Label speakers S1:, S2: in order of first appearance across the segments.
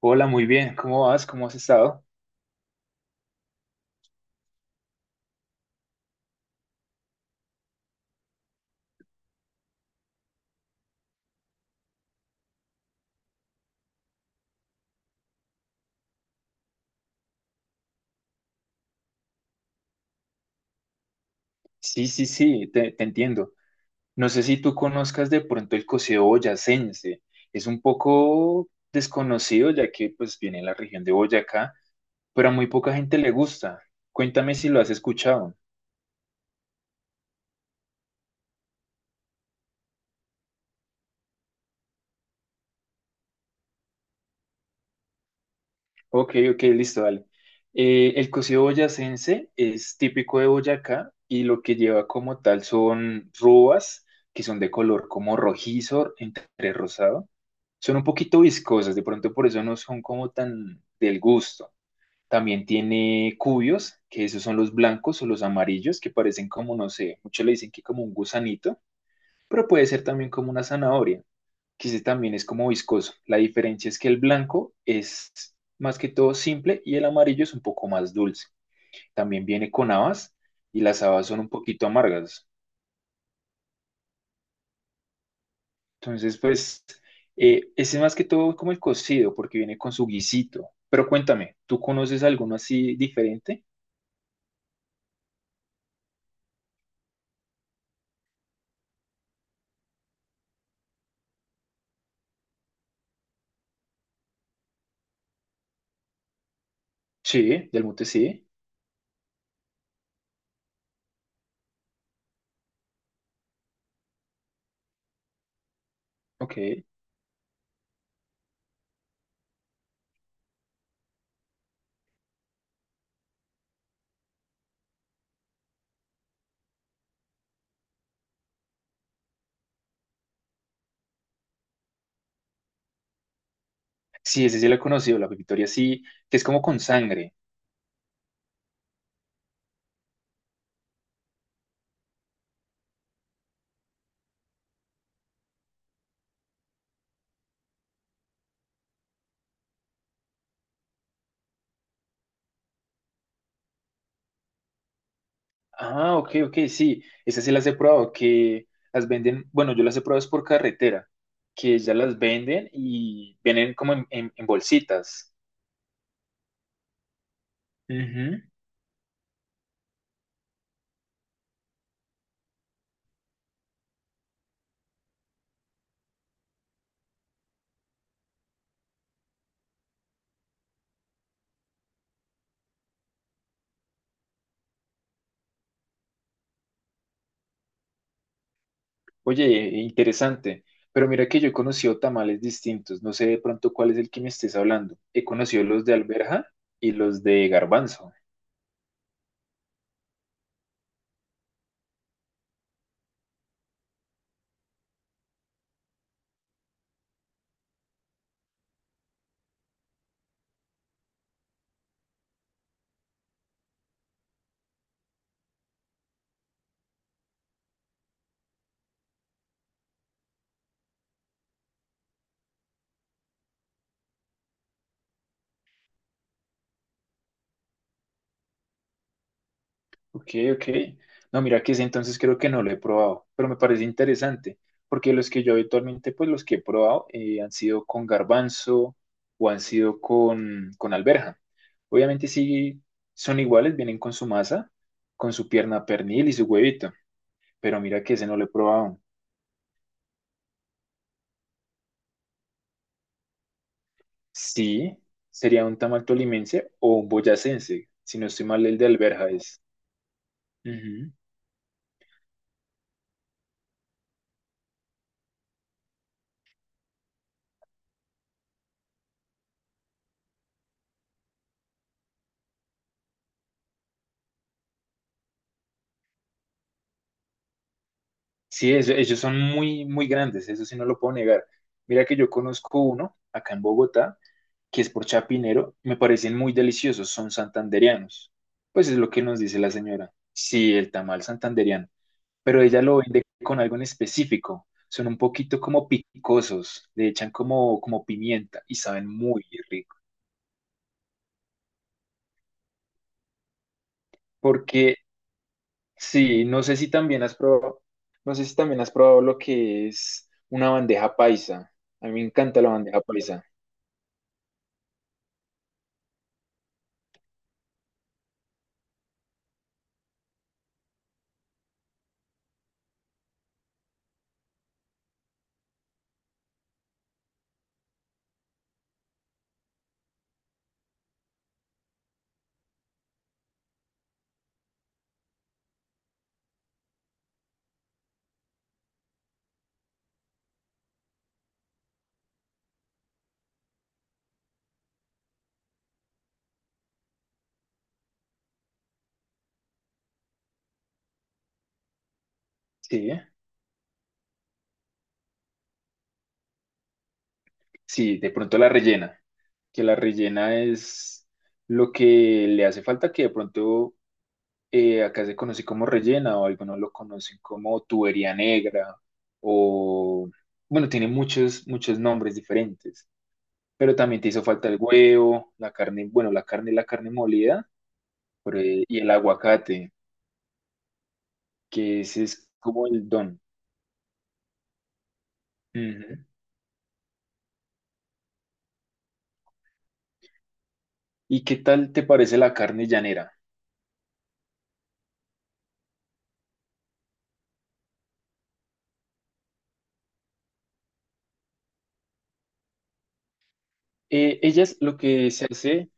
S1: Hola, muy bien. ¿Cómo vas? ¿Cómo has estado? Sí, sí, sí, te entiendo. No sé si tú conozcas de pronto el coceo boyacense. Es un poco desconocido ya que pues viene en la región de Boyacá, pero a muy poca gente le gusta. Cuéntame si lo has escuchado. Ok, ok, listo, dale. El cocido boyacense es típico de Boyacá y lo que lleva como tal son robas que son de color como rojizo entre rosado. Son un poquito viscosas, de pronto por eso no son como tan del gusto. También tiene cubios, que esos son los blancos o los amarillos, que parecen como, no sé, muchos le dicen que como un gusanito, pero puede ser también como una zanahoria, que ese también es como viscoso. La diferencia es que el blanco es más que todo simple y el amarillo es un poco más dulce. También viene con habas y las habas son un poquito amargas. Entonces, pues, ese más que todo es como el cocido, porque viene con su guisito. Pero cuéntame, ¿tú conoces alguno así diferente? Sí, del mute sí. Ok. Sí, ese sí lo he conocido, la pepitoria sí, que es como con sangre. Ah, ok, ok, sí. Esas sí las he probado, que las venden, bueno, yo las he probado es por carretera, que ya las venden y vienen como en, en bolsitas. Ujú. Oye, interesante. Pero mira que yo he conocido tamales distintos. No sé de pronto cuál es el que me estés hablando. He conocido los de alberja y los de garbanzo. Ok, ok. No, mira que ese entonces creo que no lo he probado, pero me parece interesante, porque los que yo habitualmente, pues los que he probado han sido con garbanzo o han sido con alberja. Obviamente sí son iguales, vienen con su masa, con su pierna pernil y su huevito, pero mira que ese no lo he probado. Sí, sería un tamal tolimense o un boyacense, si no estoy mal, el de Alberja es. Ujú. Sí, ellos son muy, muy grandes, eso sí no lo puedo negar. Mira que yo conozco uno acá en Bogotá, que es por Chapinero, me parecen muy deliciosos, son santandereanos. Pues es lo que nos dice la señora. Sí, el tamal santandereano, pero ella lo vende con algo en específico. Son un poquito como picosos, le echan como, como pimienta y saben muy rico. Porque sí, no sé si también has probado, no sé si también has probado lo que es una bandeja paisa. A mí me encanta la bandeja paisa. Sí, sí, de pronto la rellena, que la rellena es lo que le hace falta, que de pronto acá se conoce como rellena o algunos lo conocen como tubería negra o, bueno, tiene muchos, muchos nombres diferentes, pero también te hizo falta el huevo, la carne, bueno, la carne molida por, y el aguacate. Que ese es como el don. Ujú. ¿Y qué tal te parece la carne llanera? Ellas lo que se hace,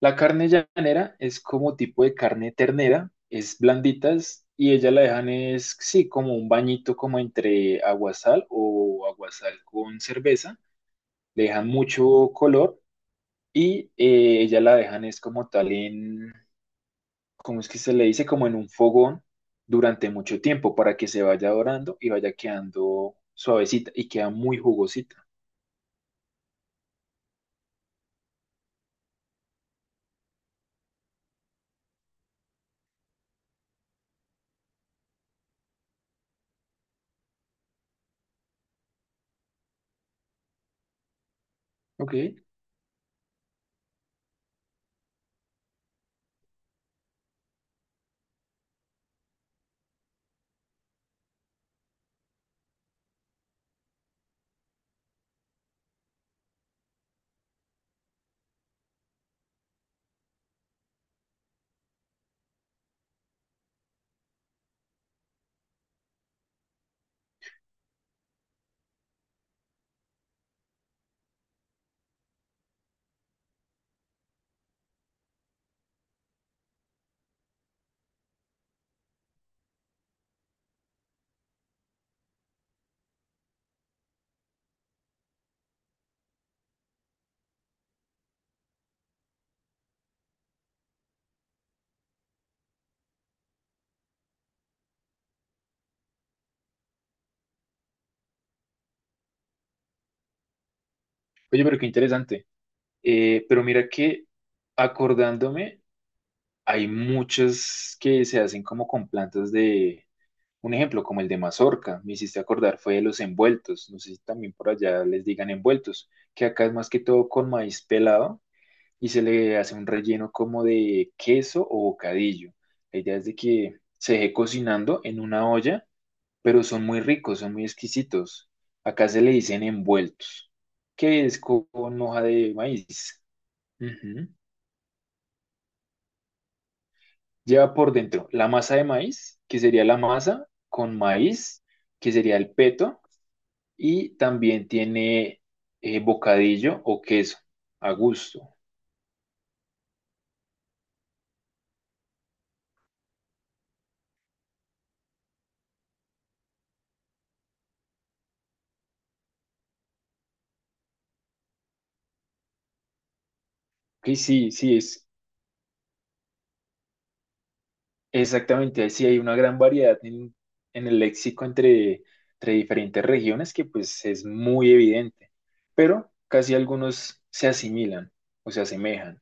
S1: la carne llanera es como tipo de carne ternera, es blanditas y ella la dejan es, sí, como un bañito como entre aguasal o aguasal con cerveza, le dejan mucho color y ella la dejan es como tal, ¿como es que se le dice? Como en un fogón durante mucho tiempo para que se vaya dorando y vaya quedando suavecita y queda muy jugosita. Ok. Oye, pero qué interesante. Pero mira que acordándome, hay muchas que se hacen como con plantas de, un ejemplo, como el de mazorca, me hiciste acordar, fue de los envueltos. No sé si también por allá les digan envueltos, que acá es más que todo con maíz pelado y se le hace un relleno como de queso o bocadillo. La idea es de que se deje cocinando en una olla, pero son muy ricos, son muy exquisitos. Acá se le dicen envueltos, que es con hoja de maíz. Ujú. Lleva por dentro la masa de maíz, que sería la masa con maíz, que sería el peto, y también tiene bocadillo o queso a gusto. Ok, sí, sí, es exactamente, ahí sí hay una gran variedad en el léxico entre, entre diferentes regiones que pues es muy evidente, pero casi algunos se asimilan o se asemejan.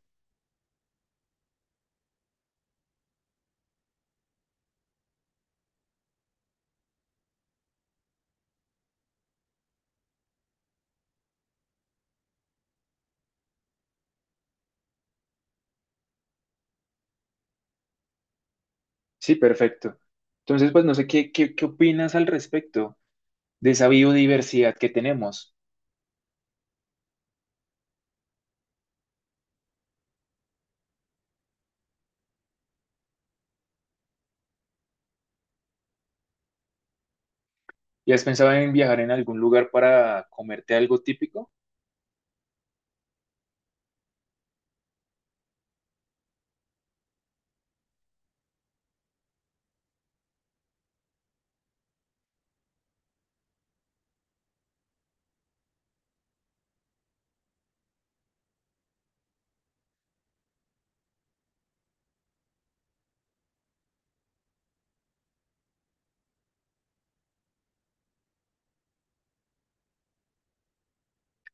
S1: Sí, perfecto. Entonces, pues no sé qué opinas al respecto de esa biodiversidad que tenemos. ¿Y has pensado en viajar en algún lugar para comerte algo típico?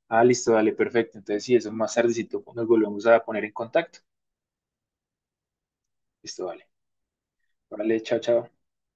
S1: Ah, listo, dale, perfecto. Entonces, sí, eso más tardecito nos volvemos a poner en contacto. Listo, vale. Vale, chao, chao.